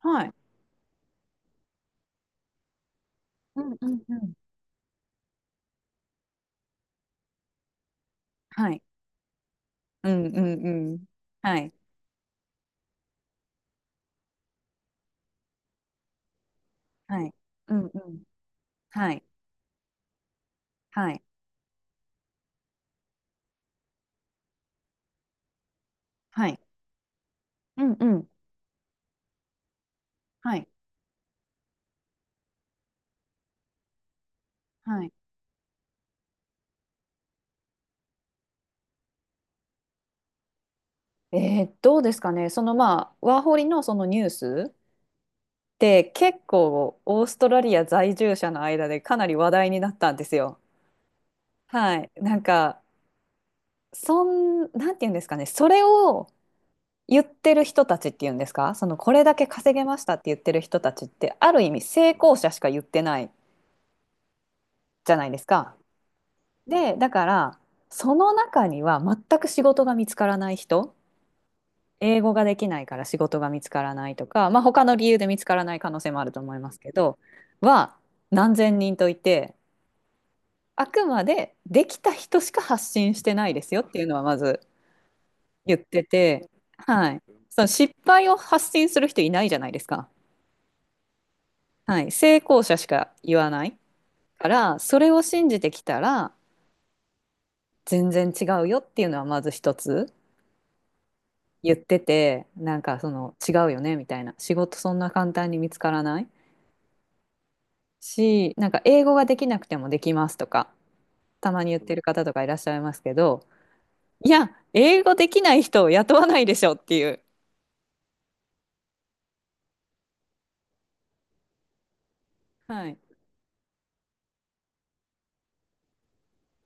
はい。うんうんうん。はい。うんうんうん。はい。はい。うんうん。はい。はい。はい。うんうん。はい。はい。どうですかね。そのまあ、ワーホリのそのニュースって結構オーストラリア在住者の間でかなり話題になったんですよ。はい。なんか、なんて言うんですかね。それを言ってる人たちっていうんですか。そのこれだけ稼げましたって言ってる人たちってある意味成功者しか言ってないじゃないですか。で、だから、その中には全く仕事が見つからない人、英語ができないから仕事が見つからないとか、まあ他の理由で見つからない可能性もあると思いますけど、は何千人といて、あくまでできた人しか発信してないですよっていうのはまず言ってて、はい。その失敗を発信する人いないじゃないですか。はい。成功者しか言わないから、それを信じてきたら全然違うよっていうのはまず一つ。言っててなんかその違うよねみたいな、仕事そんな簡単に見つからないし、なんか英語ができなくてもできますとかたまに言ってる方とかいらっしゃいますけど、いや英語できない人を雇わないでしょっていう。はい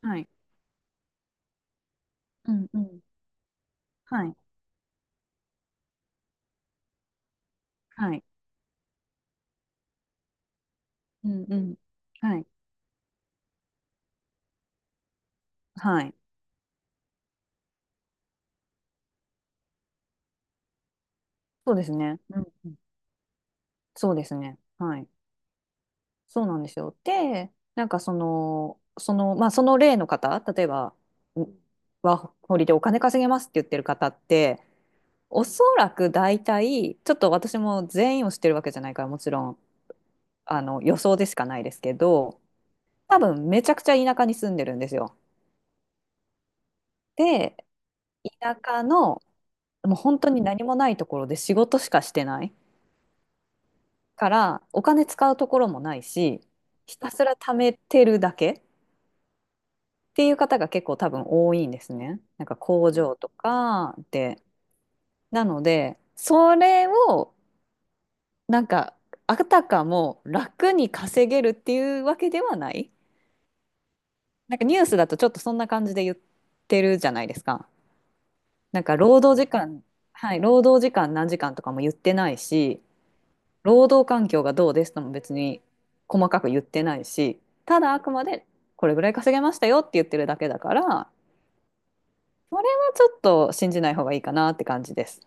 はい、うんうん、はいはい、うんうん、はいはい、そうですね。うんうん、そうですね。はい。そうなんですよ。で、なんかその、まあその例の方、例えば、んワーホリでお金稼げますって言ってる方って、おそらく大体、ちょっと私も全員を知ってるわけじゃないから、もちろん、予想でしかないですけど、多分めちゃくちゃ田舎に住んでるんですよ。で、田舎の、もう本当に何もないところで仕事しかしてないから、お金使うところもないし、ひたすら貯めてるだけっていう方が結構多分多いんですね。なんか工場とかで。なので、それをなんかあたかも楽に稼げるっていうわけではない、なんかニュースだとちょっとそんな感じで言ってるじゃないですか。なんか労働時間、はい、労働時間何時間とかも言ってないし、労働環境がどうですとも別に細かく言ってないし、ただあくまでこれぐらい稼げましたよって言ってるだけだから、それはちょっと信じない方がいいかなって感じです。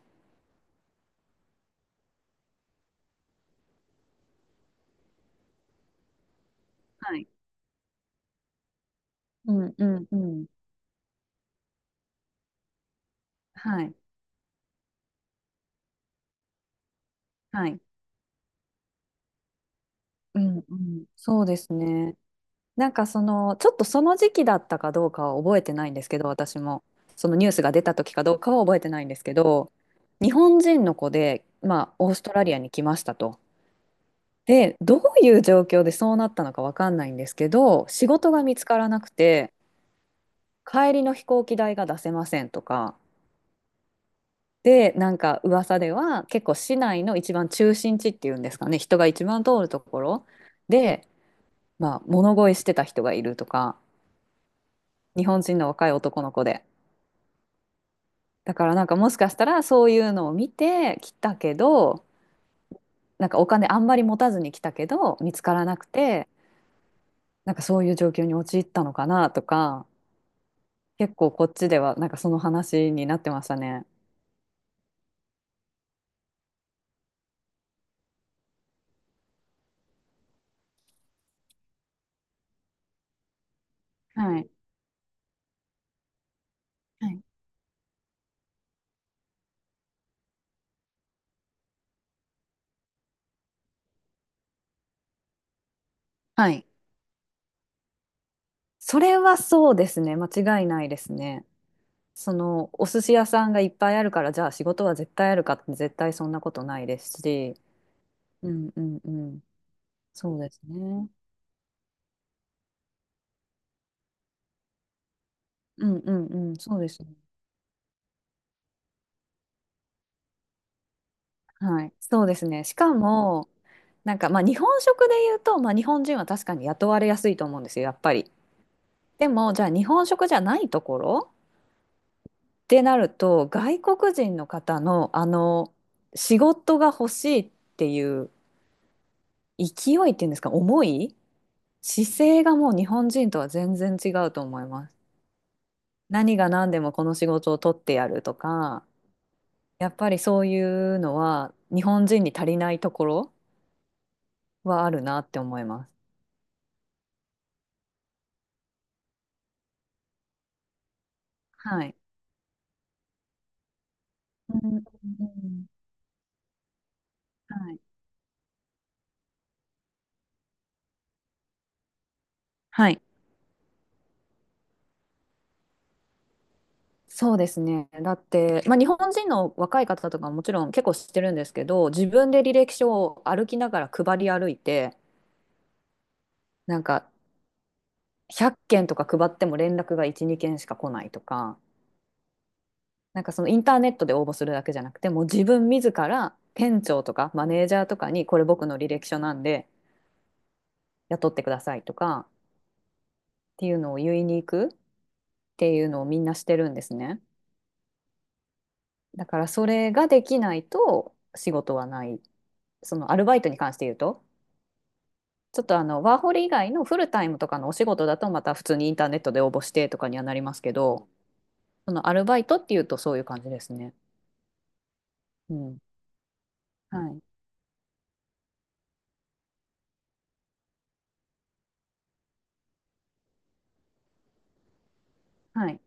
はい。うんうんうん。はい。はい。うんうん。そうですね。なんかその、ちょっとその時期だったかどうかは覚えてないんですけど、私も。そのニュースが出た時かどうかは覚えてないんですけど、日本人の子で、まあ、オーストラリアに来ましたと。で、どういう状況でそうなったのかわかんないんですけど、仕事が見つからなくて、帰りの飛行機代が出せませんとか。で、なんか噂では結構市内の一番中心地っていうんですかね、人が一番通るところで、まあ、物乞いしてた人がいるとか、日本人の若い男の子で。だからなんかもしかしたらそういうのを見て来たけど、なんかお金あんまり持たずに来たけど見つからなくて、なんかそういう状況に陥ったのかなとか、結構こっちではなんかその話になってましたね。はい、はいはい、それはそうですね、間違いないですね。そのお寿司屋さんがいっぱいあるからじゃあ仕事は絶対あるかって、絶対そんなことないですし、うんうんうん、そうですね。うんうんうん、そうですね。はい、そうですね。しかも、なんかまあ日本食で言うと、まあ、日本人は確かに雇われやすいと思うんですよ、やっぱり。でも、じゃあ日本食じゃないところってなると、外国人の方の仕事が欲しいっていう勢いっていうんですか、姿勢がもう日本人とは全然違うと思います。何が何でもこの仕事を取ってやるとか、やっぱりそういうのは日本人に足りないところはあるなって思います。はい、うんうんうん、はい。はい。そうですね。だって、まあ、日本人の若い方とかももちろん結構知ってるんですけど、自分で履歴書を歩きながら配り歩いて、なんか100件とか配っても連絡が1、2件しか来ないとか、なんかそのインターネットで応募するだけじゃなくて、もう自分自ら店長とかマネージャーとかに、これ僕の履歴書なんで雇ってくださいとかっていうのを言いに行くっていうのをみんなしてるんですね。だからそれができないと仕事はない。そのアルバイトに関して言うと、ちょっとワーホリ以外のフルタイムとかのお仕事だとまた普通にインターネットで応募してとかにはなりますけど、そのアルバイトっていうとそういう感じですね。うん。はい。はい。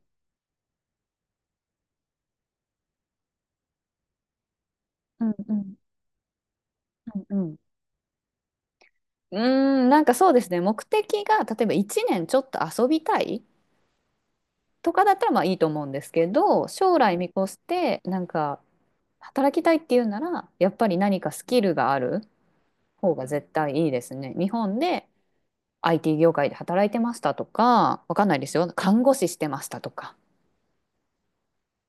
うんうん。うんうん。うーん、なんかそうですね。目的が例えば1年ちょっと遊びたいとかだったらまあいいと思うんですけど、将来見越してなんか働きたいっていうなら、やっぱり何かスキルがある方が絶対いいですね。日本で IT 業界で働いてましたとか、わかんないですよ。看護師してましたとか、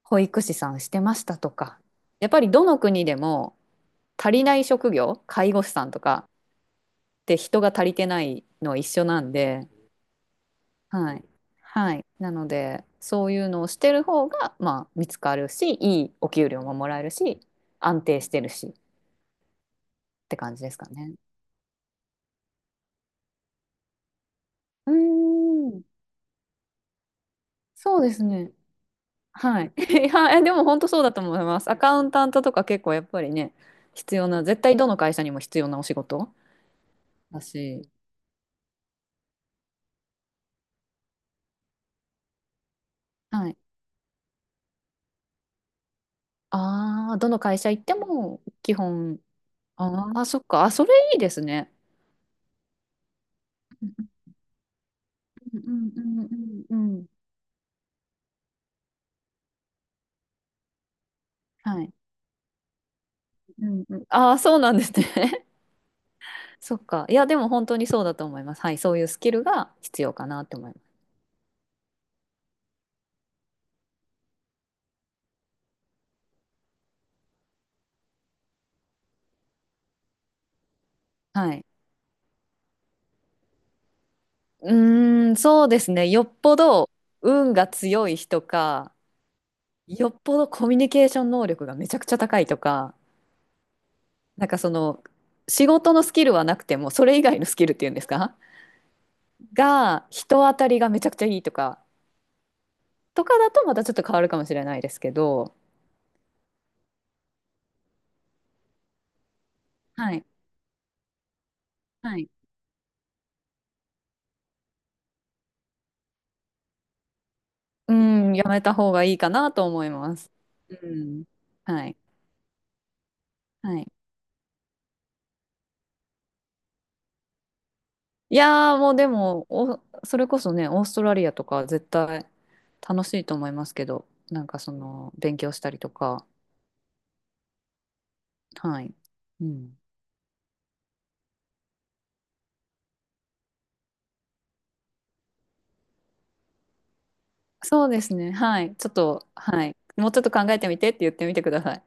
保育士さんしてましたとか、やっぱりどの国でも足りない職業、介護士さんとかって人が足りてないのは一緒なんで、はい。はい。なので、そういうのをしてる方が、まあ、見つかるし、いいお給料ももらえるし、安定してるしって感じですかね。うーん、そうですね。はい。いや、でも本当そうだと思います。アカウンタントとか結構やっぱりね、必要な、絶対どの会社にも必要なお仕事だし、はい。ああ、どの会社行っても基本、ああ、そっか、あ、それいいですね。うんうんうんうんうんうん。はい。うんうん、ああ、そうなんですね。そっか。いや、でも本当にそうだと思います。はい。そういうスキルが必要かなって思います。はい。うーん、そうですね。よっぽど運が強い人か、よっぽどコミュニケーション能力がめちゃくちゃ高いとか、なんかその仕事のスキルはなくてもそれ以外のスキルっていうんですかが、人当たりがめちゃくちゃいいとかだとまたちょっと変わるかもしれないですけど、はい、はい、うん、やめた方がいいかなと思います。うん、はい、はい、いやーもうでもおそれこそね、オーストラリアとか絶対楽しいと思いますけど、なんかその勉強したりとか、はい。うん、そうですね。はい。ちょっと、はい。もうちょっと考えてみてって言ってみてください。